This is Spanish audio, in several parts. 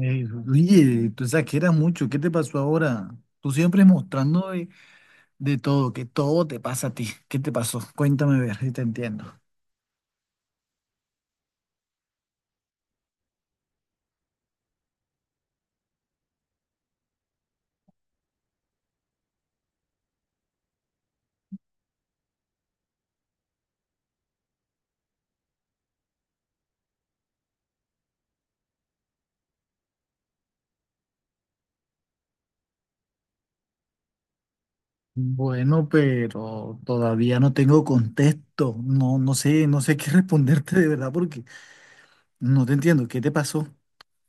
Oye, tú exageras mucho, ¿qué te pasó ahora? Tú siempre mostrando de todo, que todo te pasa a ti. ¿Qué te pasó? Cuéntame a ver si te entiendo. Bueno, pero todavía no tengo contexto. No, no sé qué responderte de verdad porque no te entiendo. ¿Qué te pasó?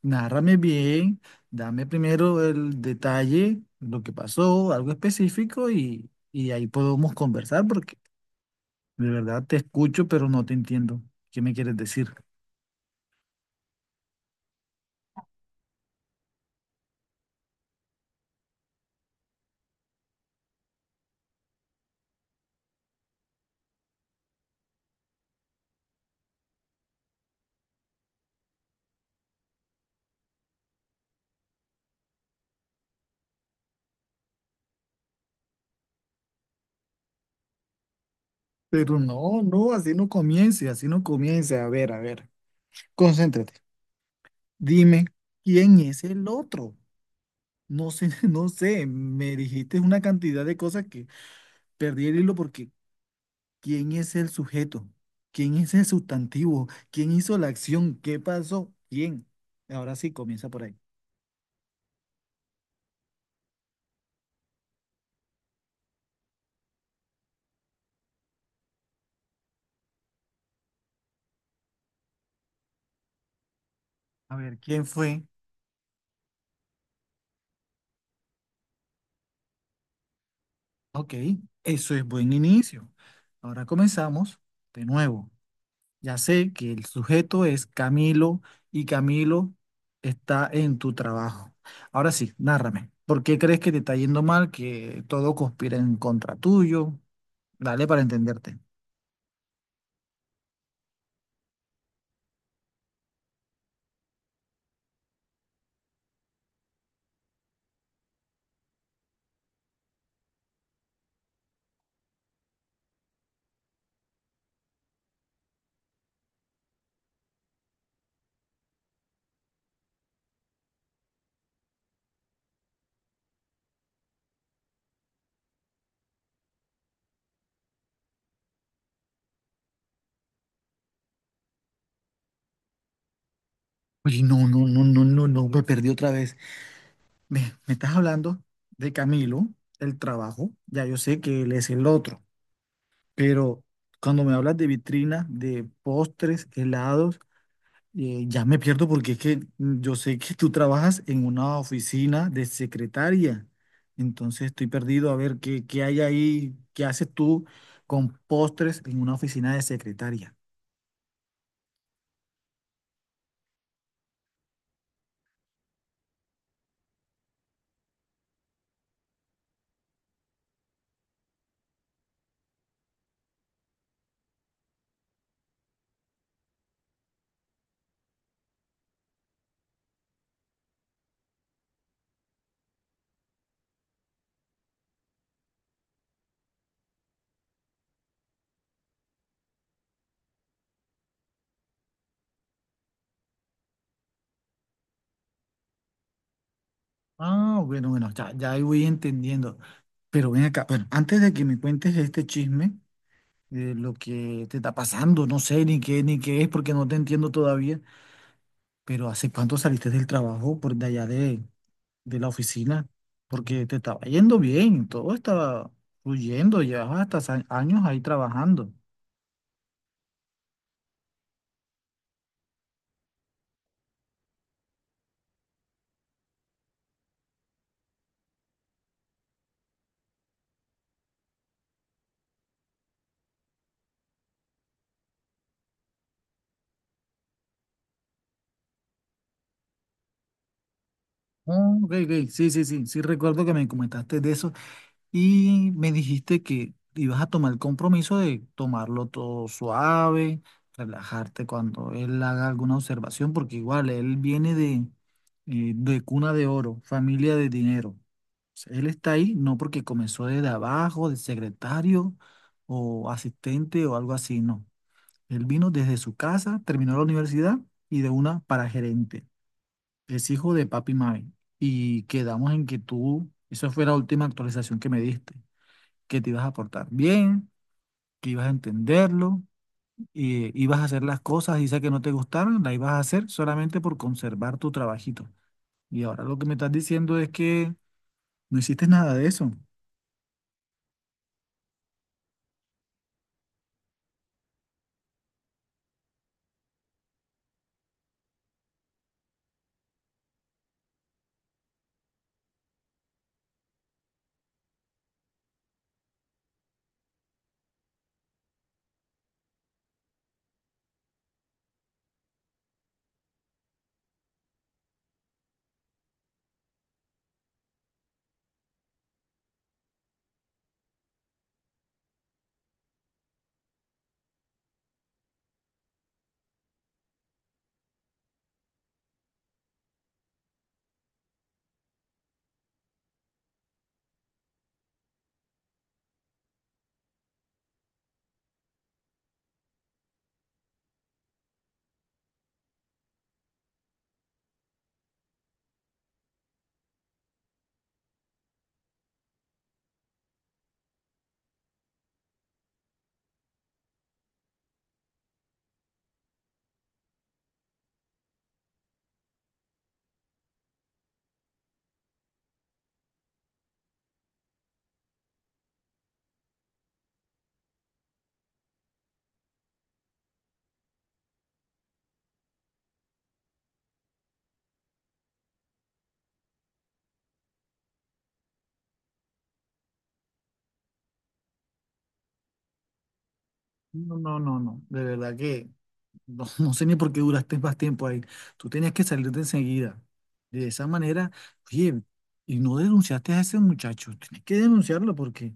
Nárrame bien, dame primero el detalle, lo que pasó, algo específico y ahí podemos conversar porque de verdad te escucho, pero no te entiendo. ¿Qué me quieres decir? Pero no, no, así no comience, así no comience. A ver, concéntrate. Dime, ¿quién es el otro? No sé, no sé, me dijiste una cantidad de cosas que perdí el hilo porque ¿quién es el sujeto? ¿Quién es el sustantivo? ¿Quién hizo la acción? ¿Qué pasó? ¿Quién? Ahora sí, comienza por ahí. A ver, ¿quién fue? Ok, eso es buen inicio. Ahora comenzamos de nuevo. Ya sé que el sujeto es Camilo y Camilo está en tu trabajo. Ahora sí, nárrame. ¿Por qué crees que te está yendo mal, que todo conspira en contra tuyo? Dale para entenderte. Oye, no, no, no, no, no, no, me perdí otra vez. Me, Me estás hablando de Camilo, el trabajo. Ya yo sé que él es el otro, pero cuando me hablas de vitrina, de postres, helados, ya me pierdo porque es que yo sé que tú trabajas en una oficina de secretaria, entonces estoy perdido a ver qué hay ahí, qué haces tú con postres en una oficina de secretaria. Ah, bueno, bueno, ya, ya ahí voy entendiendo. Pero ven acá, bueno, antes de que me cuentes este chisme, lo que te está pasando, no sé ni qué, ni qué es porque no te entiendo todavía, pero ¿hace cuánto saliste del trabajo por de allá de la oficina, porque te estaba yendo bien, todo estaba fluyendo, llevabas hasta años ahí trabajando? Ah, ok, ok, sí, sí, sí, sí recuerdo que me comentaste de eso y me dijiste que ibas a tomar el compromiso de tomarlo todo suave, relajarte cuando él haga alguna observación, porque igual él viene de cuna de oro, familia de dinero. O sea, él está ahí no porque comenzó desde abajo, de secretario o asistente o algo así, no. Él vino desde su casa, terminó la universidad y de una para gerente. Es hijo de papi y mami. Y quedamos en que tú, esa fue la última actualización que me diste, que te ibas a portar bien, que ibas a entenderlo, y ibas a hacer las cosas, y sea que no te gustaron, las ibas a hacer solamente por conservar tu trabajito. Y ahora lo que me estás diciendo es que no hiciste nada de eso. No, no, no, no. De verdad que no, no sé ni por qué duraste más tiempo ahí. Tú tenías que salirte enseguida. De esa manera, oye, y no denunciaste a ese muchacho. Tienes que denunciarlo porque,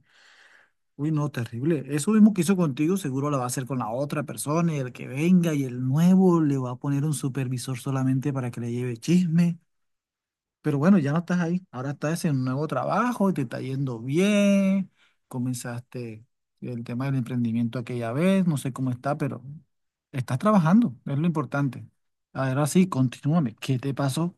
uy, no, terrible. Eso mismo que hizo contigo, seguro lo va a hacer con la otra persona y el que venga y el nuevo le va a poner un supervisor solamente para que le lleve chisme. Pero bueno, ya no estás ahí. Ahora estás en un nuevo trabajo, te está yendo bien. Comenzaste el tema del emprendimiento aquella vez, no sé cómo está, pero estás trabajando, es lo importante. Ahora sí, continúame. ¿Qué te pasó?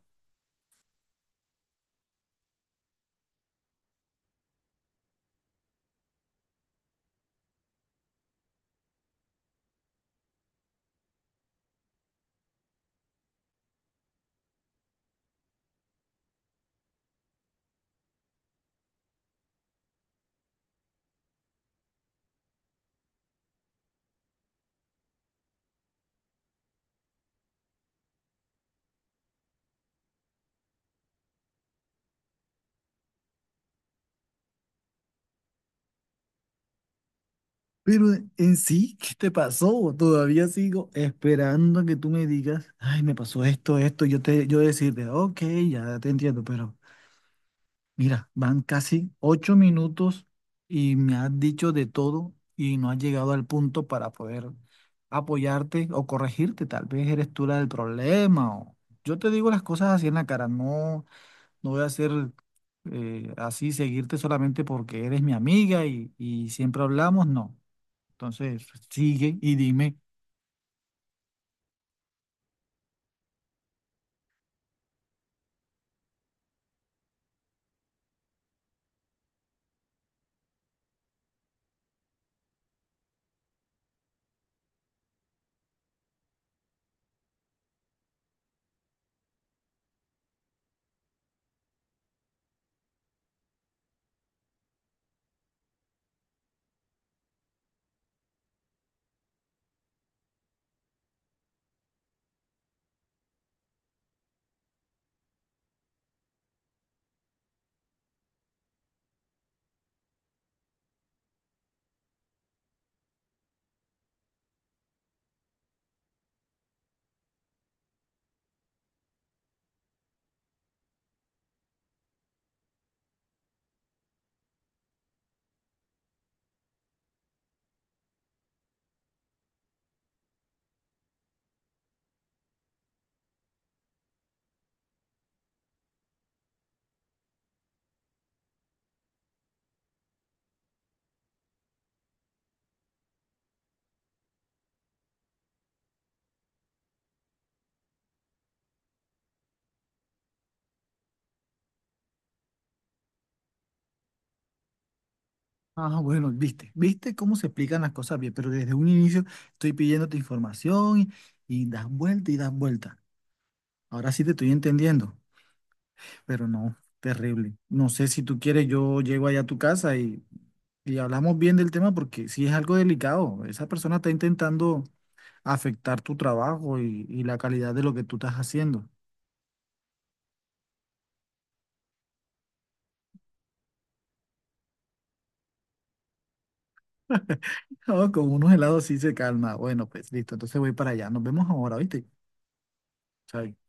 Pero en sí, ¿qué te pasó? Todavía sigo esperando a que tú me digas, ay, me pasó esto, esto, yo decirte, ok, ya te entiendo, pero. Mira, van casi 8 minutos y me has dicho de todo y no has llegado al punto para poder apoyarte o corregirte. Tal vez eres tú la del problema o yo te digo las cosas así en la cara. No, no voy a ser así, seguirte solamente porque eres mi amiga y siempre hablamos. No. Entonces, sigue y dime. Ah, bueno, viste, viste cómo se explican las cosas bien, pero desde un inicio estoy pidiéndote información y das vuelta y das vuelta. Ahora sí te estoy entendiendo, pero no, terrible. No sé si tú quieres, yo llego allá a tu casa y hablamos bien del tema porque sí es algo delicado. Esa persona está intentando afectar tu trabajo y la calidad de lo que tú estás haciendo. No, con unos helados sí se calma. Bueno, pues listo, entonces voy para allá. Nos vemos ahora, ¿viste? Chao.